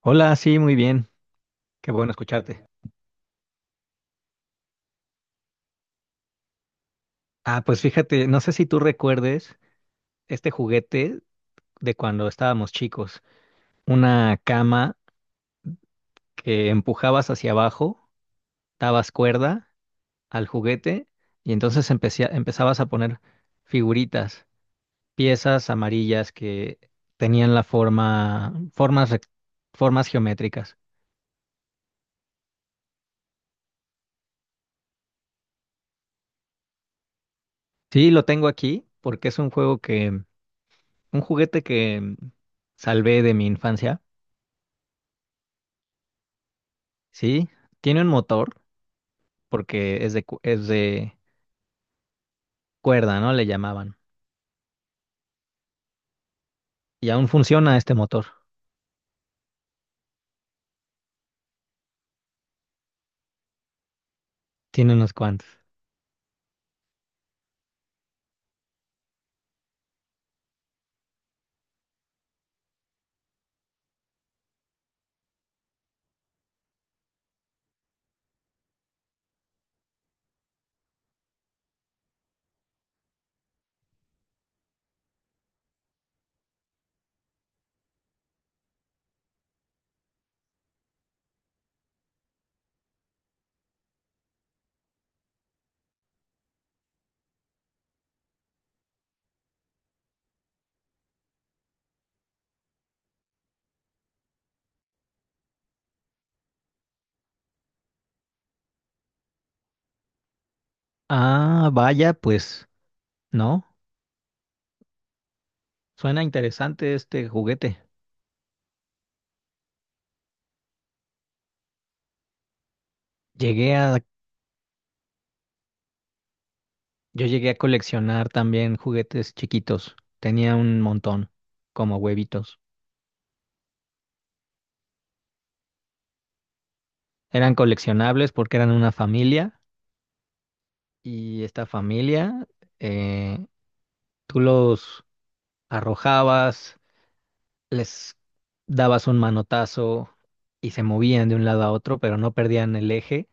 Hola, sí, muy bien. Qué bueno escucharte. Ah, pues fíjate, no sé si tú recuerdes este juguete de cuando estábamos chicos. Una cama que empujabas hacia abajo, dabas cuerda al juguete y entonces empezabas a poner figuritas, piezas amarillas que tenían la formas, formas geométricas. Sí, lo tengo aquí porque es un juego que, un juguete que salvé de mi infancia. Sí, tiene un motor porque es de, es de cuerda, ¿no? Le llamaban. Y aún funciona este motor. Tiene unos cuantos. Ah, vaya, pues, ¿no? Suena interesante este juguete. Llegué a, yo llegué a coleccionar también juguetes chiquitos. Tenía un montón, como huevitos. Eran coleccionables porque eran una familia y esta familia, eh, tú los arrojabas, les dabas un manotazo y se movían de un lado a otro, pero no perdían el eje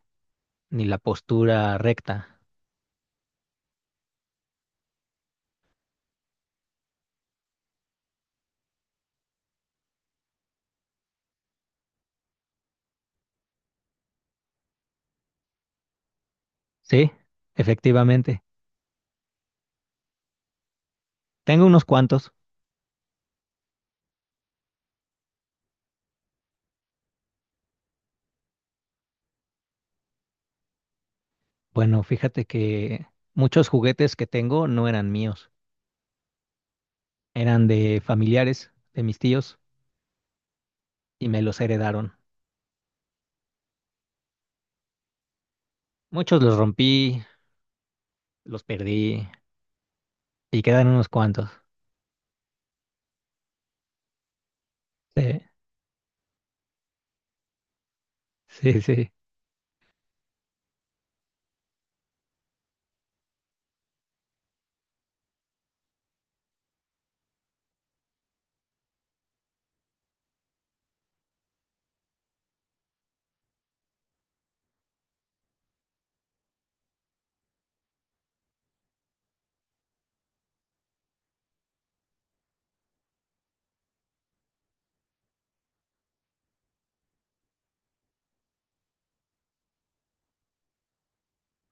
ni la postura recta. Sí, efectivamente. Tengo unos cuantos. Bueno, fíjate que muchos juguetes que tengo no eran míos, eran de familiares, de mis tíos, y me los heredaron. Muchos los rompí, los perdí, y quedan unos cuantos. Sí, sí, sí.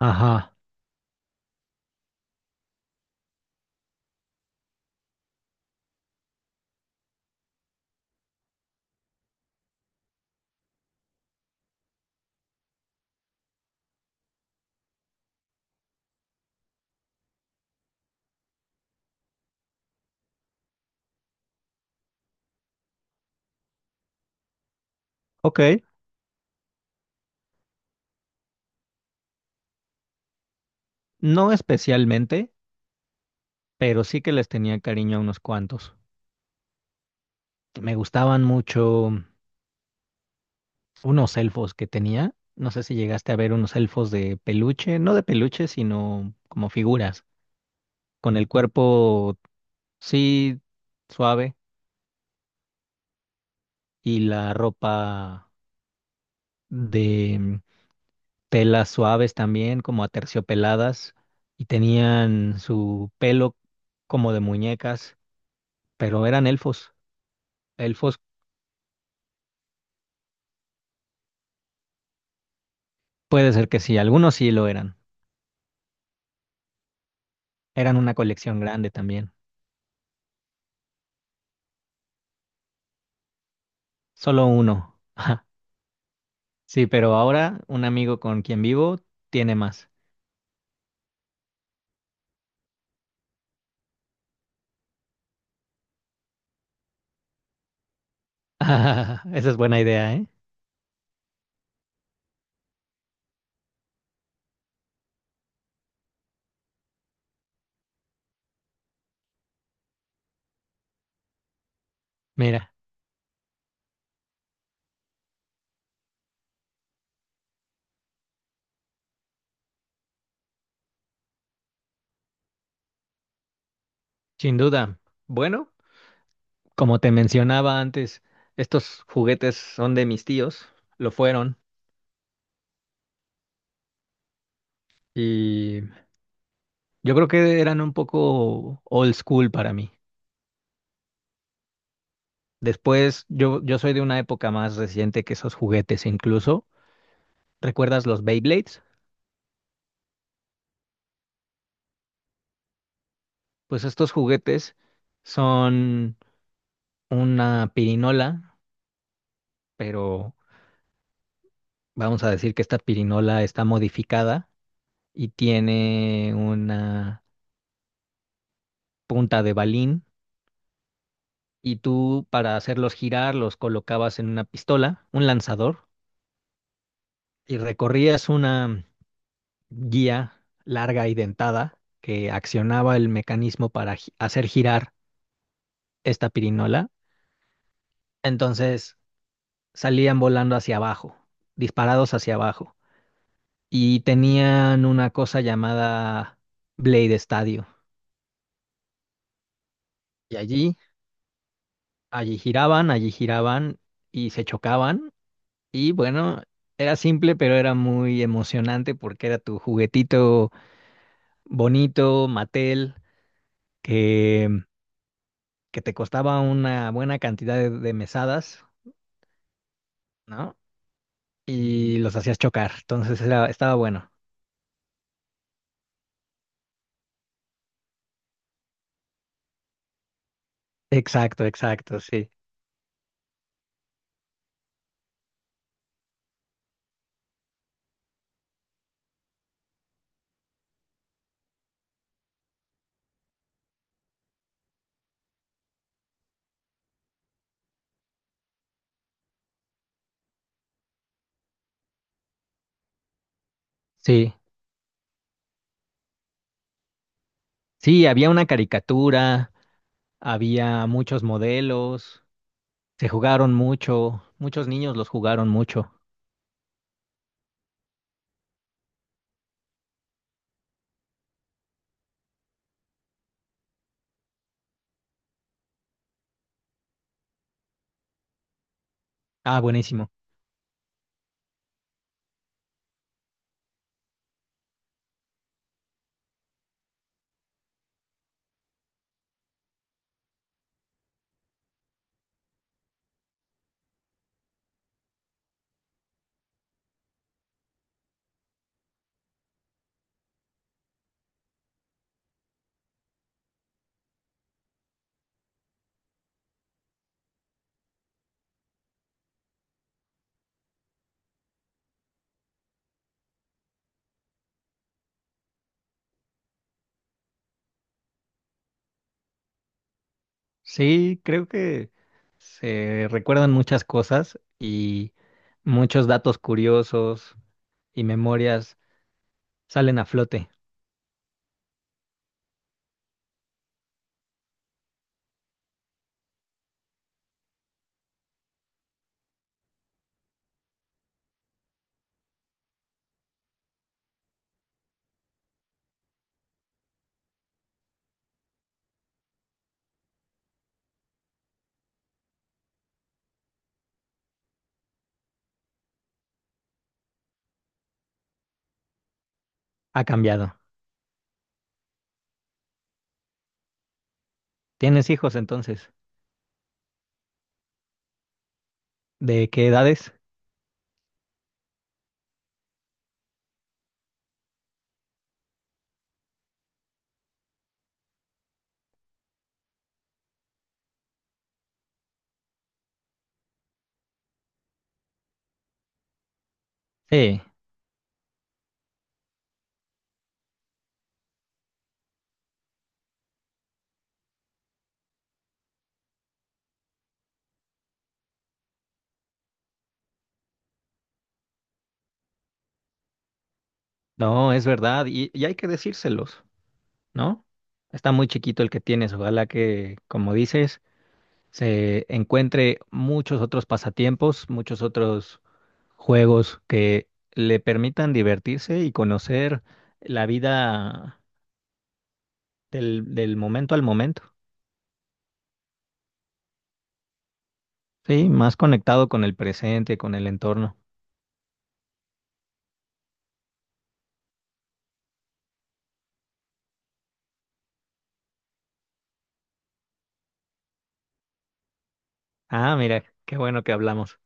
Ajá. Ok, no especialmente, pero sí que les tenía cariño a unos cuantos. Me gustaban mucho unos elfos que tenía. No sé si llegaste a ver unos elfos de peluche, no de peluche, sino como figuras, con el cuerpo, sí, suave, y la ropa de telas suaves también, como aterciopeladas, y tenían su pelo como de muñecas, pero eran elfos. Elfos, puede ser que sí, algunos sí lo eran. Eran una colección grande también. Solo uno. Sí, pero ahora un amigo con quien vivo tiene más. Ah, esa es buena idea, ¿eh? Mira, sin duda. Bueno, como te mencionaba antes, estos juguetes son de mis tíos, lo fueron, y yo creo que eran un poco old school para mí. Después, yo soy de una época más reciente que esos juguetes incluso. ¿Recuerdas los Beyblades? Pues estos juguetes son una pirinola, pero vamos a decir que esta pirinola está modificada y tiene una punta de balín y tú para hacerlos girar los colocabas en una pistola, un lanzador, y recorrías una guía larga y dentada que accionaba el mecanismo para hacer girar esta pirinola. Entonces salían volando hacia abajo, disparados hacia abajo, y tenían una cosa llamada Blade Stadio. Y allí allí giraban y se chocaban. Y bueno, era simple, pero era muy emocionante porque era tu juguetito bonito, Mattel, que, que te costaba una buena cantidad de mesadas, ¿no? Y los hacías chocar. Entonces era, estaba bueno. Exacto, exacto, sí. Sí, sí, había una caricatura, había muchos modelos, se jugaron mucho, muchos niños los jugaron mucho. Ah, buenísimo. Sí, creo que se recuerdan muchas cosas y muchos datos curiosos y memorias salen a flote. Ha cambiado. ¿Tienes hijos entonces? ¿De qué edades? Sí, no, es verdad y hay que decírselos, ¿no? Está muy chiquito el que tienes. Ojalá que, como dices, se encuentre muchos otros pasatiempos, muchos otros juegos que le permitan divertirse y conocer la vida del, del momento al momento. Sí, más conectado con el presente, con el entorno. Ah, mira, qué bueno que hablamos.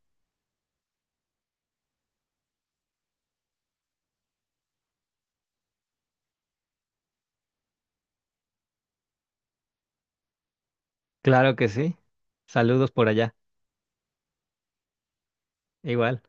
Claro que sí. Saludos por allá. Igual.